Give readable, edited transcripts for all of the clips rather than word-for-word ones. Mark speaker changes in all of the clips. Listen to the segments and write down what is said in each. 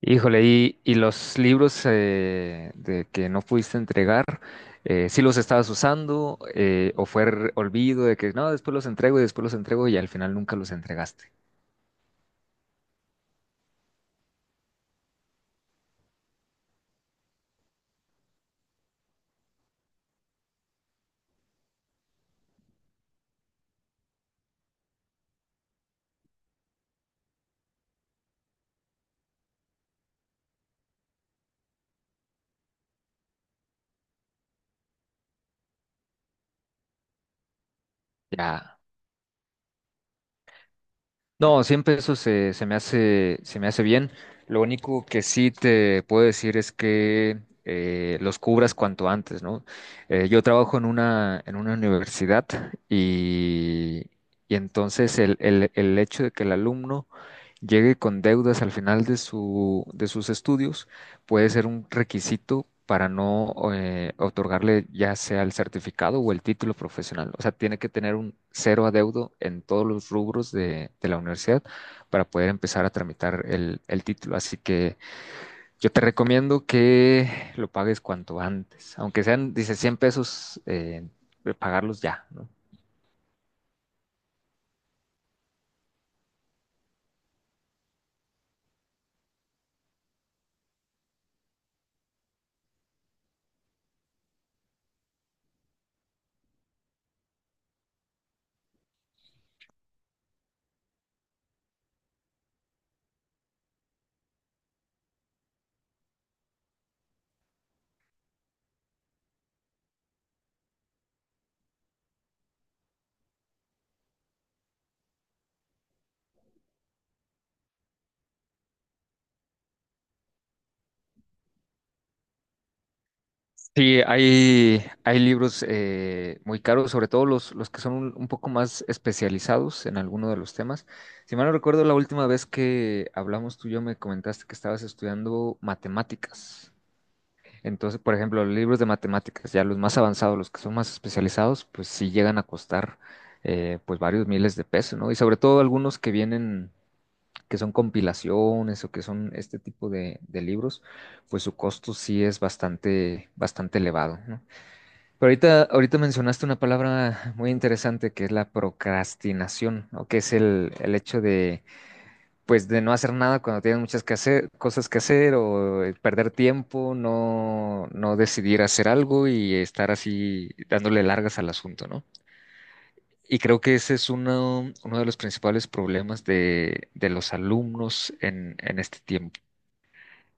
Speaker 1: Híjole, y los libros de que no pudiste entregar, ¿sí los estabas usando o fue olvido de que no, después los entrego y después los entrego y al final nunca los entregaste? Ya. No, siempre eso se me hace bien. Lo único que sí te puedo decir es que los cubras cuanto antes, ¿no? Yo trabajo en una universidad, y, y entonces el hecho de que el alumno llegue con deudas al final de sus estudios, puede ser un requisito para no otorgarle ya sea el certificado o el título profesional. O sea, tiene que tener un cero adeudo en todos los rubros de la universidad para poder empezar a tramitar el título. Así que yo te recomiendo que lo pagues cuanto antes, aunque sean, dice, 100 pesos, pagarlos ya, ¿no? Sí, hay libros muy caros, sobre todo los que son un poco más especializados en alguno de los temas. Si mal no recuerdo, la última vez que hablamos tú y yo me comentaste que estabas estudiando matemáticas. Entonces, por ejemplo, los libros de matemáticas, ya los más avanzados, los que son más especializados, pues sí llegan a costar pues varios miles de pesos, ¿no? Y sobre todo algunos que vienen, que son compilaciones o que son este tipo de libros, pues su costo sí es bastante, bastante elevado, ¿no? Pero ahorita mencionaste una palabra muy interesante que es la procrastinación, o que es el hecho pues de no hacer nada cuando tienes muchas cosas que hacer o perder tiempo, no decidir hacer algo y estar así dándole largas al asunto, ¿no? Y creo que ese es uno de los principales problemas de los alumnos en este tiempo.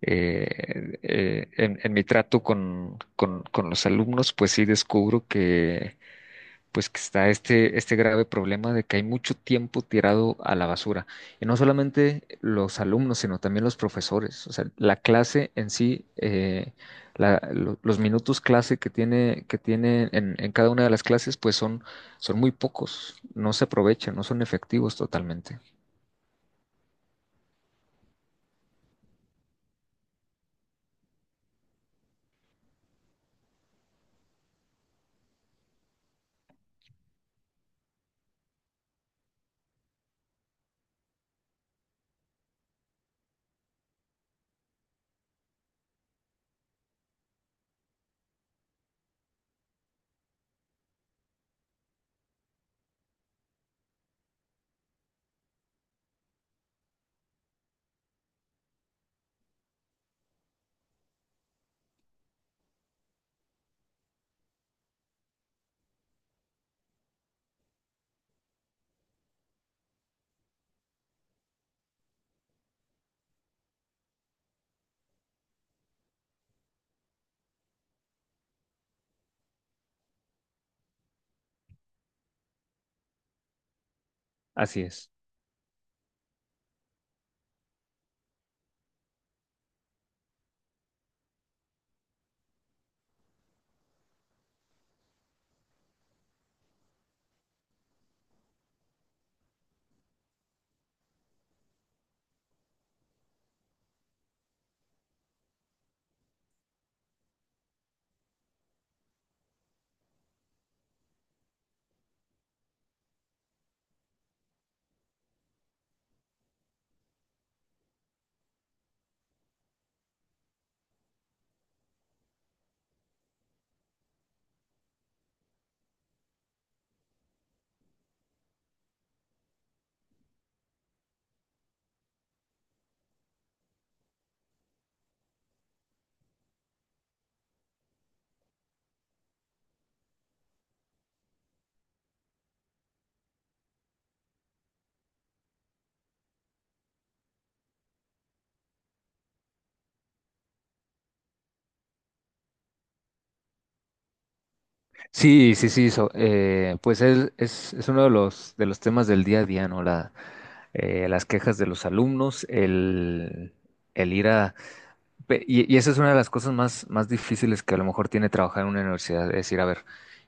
Speaker 1: En mi trato con los alumnos, pues sí descubro que pues que está este grave problema de que hay mucho tiempo tirado a la basura. Y no solamente los alumnos, sino también los profesores. O sea, la clase en sí, los minutos clase que tiene en cada una de las clases, pues son muy pocos, no se aprovechan, no son efectivos totalmente. Así es. Sí, sí, sí, pues es uno de de los temas del día a día, ¿no? Las quejas de los alumnos, el ir a. Y esa es una de las cosas más difíciles que a lo mejor tiene trabajar en una universidad, es decir, a ver,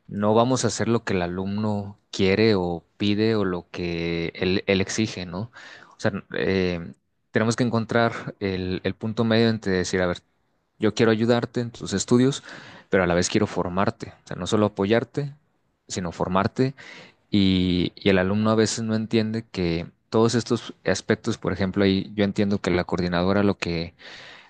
Speaker 1: no vamos a hacer lo que el alumno quiere o pide o lo que él exige, ¿no? O sea, tenemos que encontrar el punto medio entre decir, a ver, yo quiero ayudarte en tus estudios, pero a la vez quiero formarte, o sea, no solo apoyarte, sino formarte. Y el alumno a veces no entiende que todos estos aspectos, por ejemplo, ahí yo entiendo que la coordinadora lo que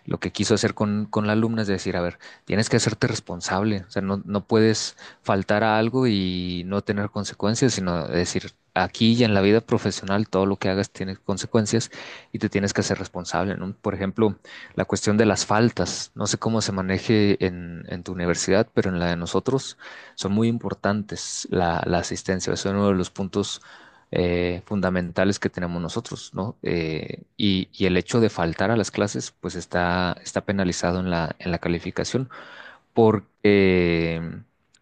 Speaker 1: lo que quiso hacer con la alumna es decir, a ver, tienes que hacerte responsable, o sea, no puedes faltar a algo y no tener consecuencias, sino decir, aquí y en la vida profesional todo lo que hagas tiene consecuencias y te tienes que hacer responsable, ¿no? Por ejemplo, la cuestión de las faltas, no sé cómo se maneje en tu universidad, pero en la de nosotros son muy importantes la asistencia, es uno de los puntos fundamentales que tenemos nosotros, ¿no? Y el hecho de faltar a las clases, pues está penalizado en la calificación, porque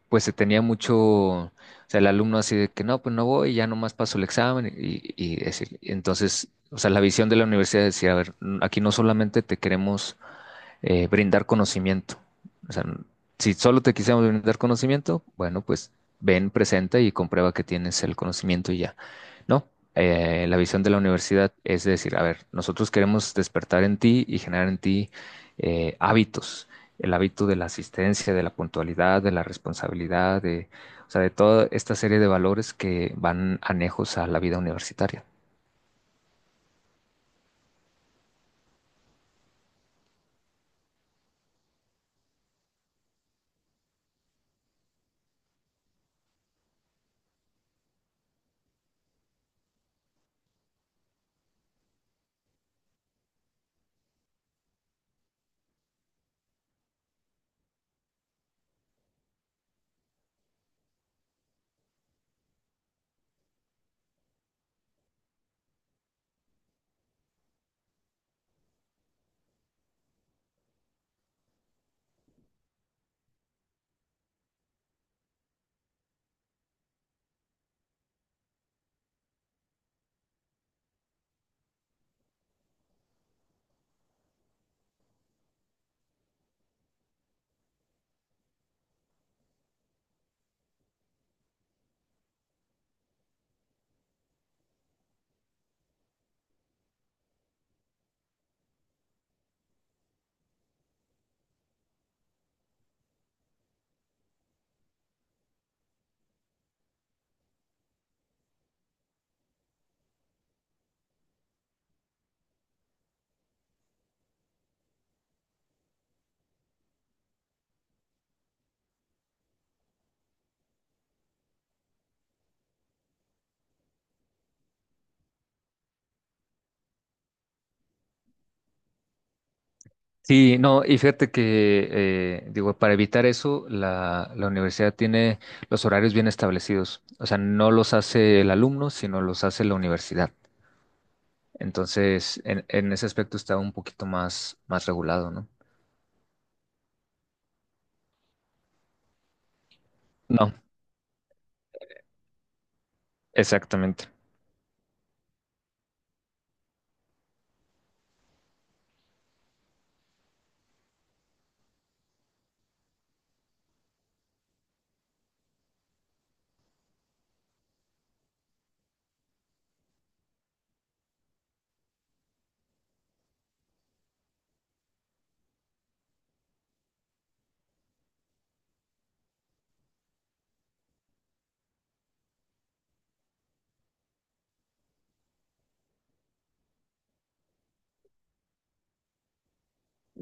Speaker 1: pues se tenía mucho, o sea, el alumno así de que no, pues no voy, ya nomás paso el examen y decir, entonces, o sea, la visión de la universidad es decir, a ver, aquí no solamente te queremos brindar conocimiento. O sea, si solo te quisiéramos brindar conocimiento, bueno, pues ven, presenta y comprueba que tienes el conocimiento y ya. No, la visión de la universidad es decir, a ver, nosotros queremos despertar en ti y generar en ti hábitos, el hábito de la asistencia, de la puntualidad, de la responsabilidad, o sea, de toda esta serie de valores que van anejos a la vida universitaria. Sí, no, y fíjate que, digo, para evitar eso, la universidad tiene los horarios bien establecidos. O sea, no los hace el alumno, sino los hace la universidad. Entonces, en ese aspecto está un poquito más regulado, ¿no? No, exactamente.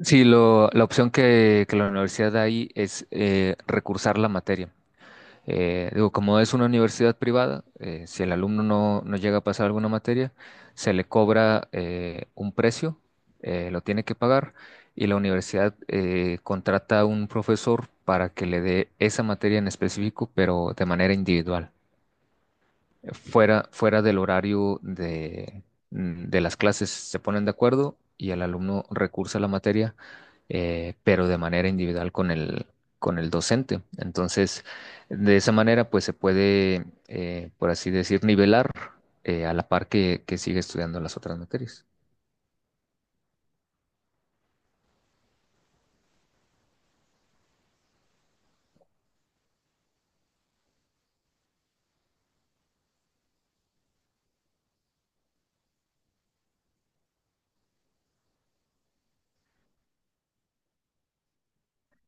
Speaker 1: Sí, la opción que la universidad da ahí es recursar la materia. Digo, como es una universidad privada, si el alumno no llega a pasar alguna materia, se le cobra un precio, lo tiene que pagar y la universidad contrata a un profesor para que le dé esa materia en específico, pero de manera individual fuera del horario de las clases. Se ponen de acuerdo y el alumno recursa a la materia, pero de manera individual con el docente. Entonces, de esa manera, pues se puede, por así decir, nivelar a la par que sigue estudiando las otras materias.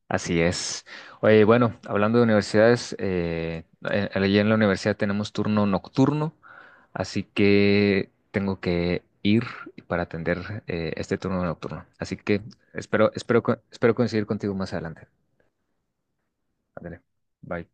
Speaker 1: Así es. Oye, bueno, hablando de universidades, allí en la universidad tenemos turno nocturno, así que tengo que ir para atender este turno nocturno. Así que espero coincidir contigo más adelante. Ándale. Bye.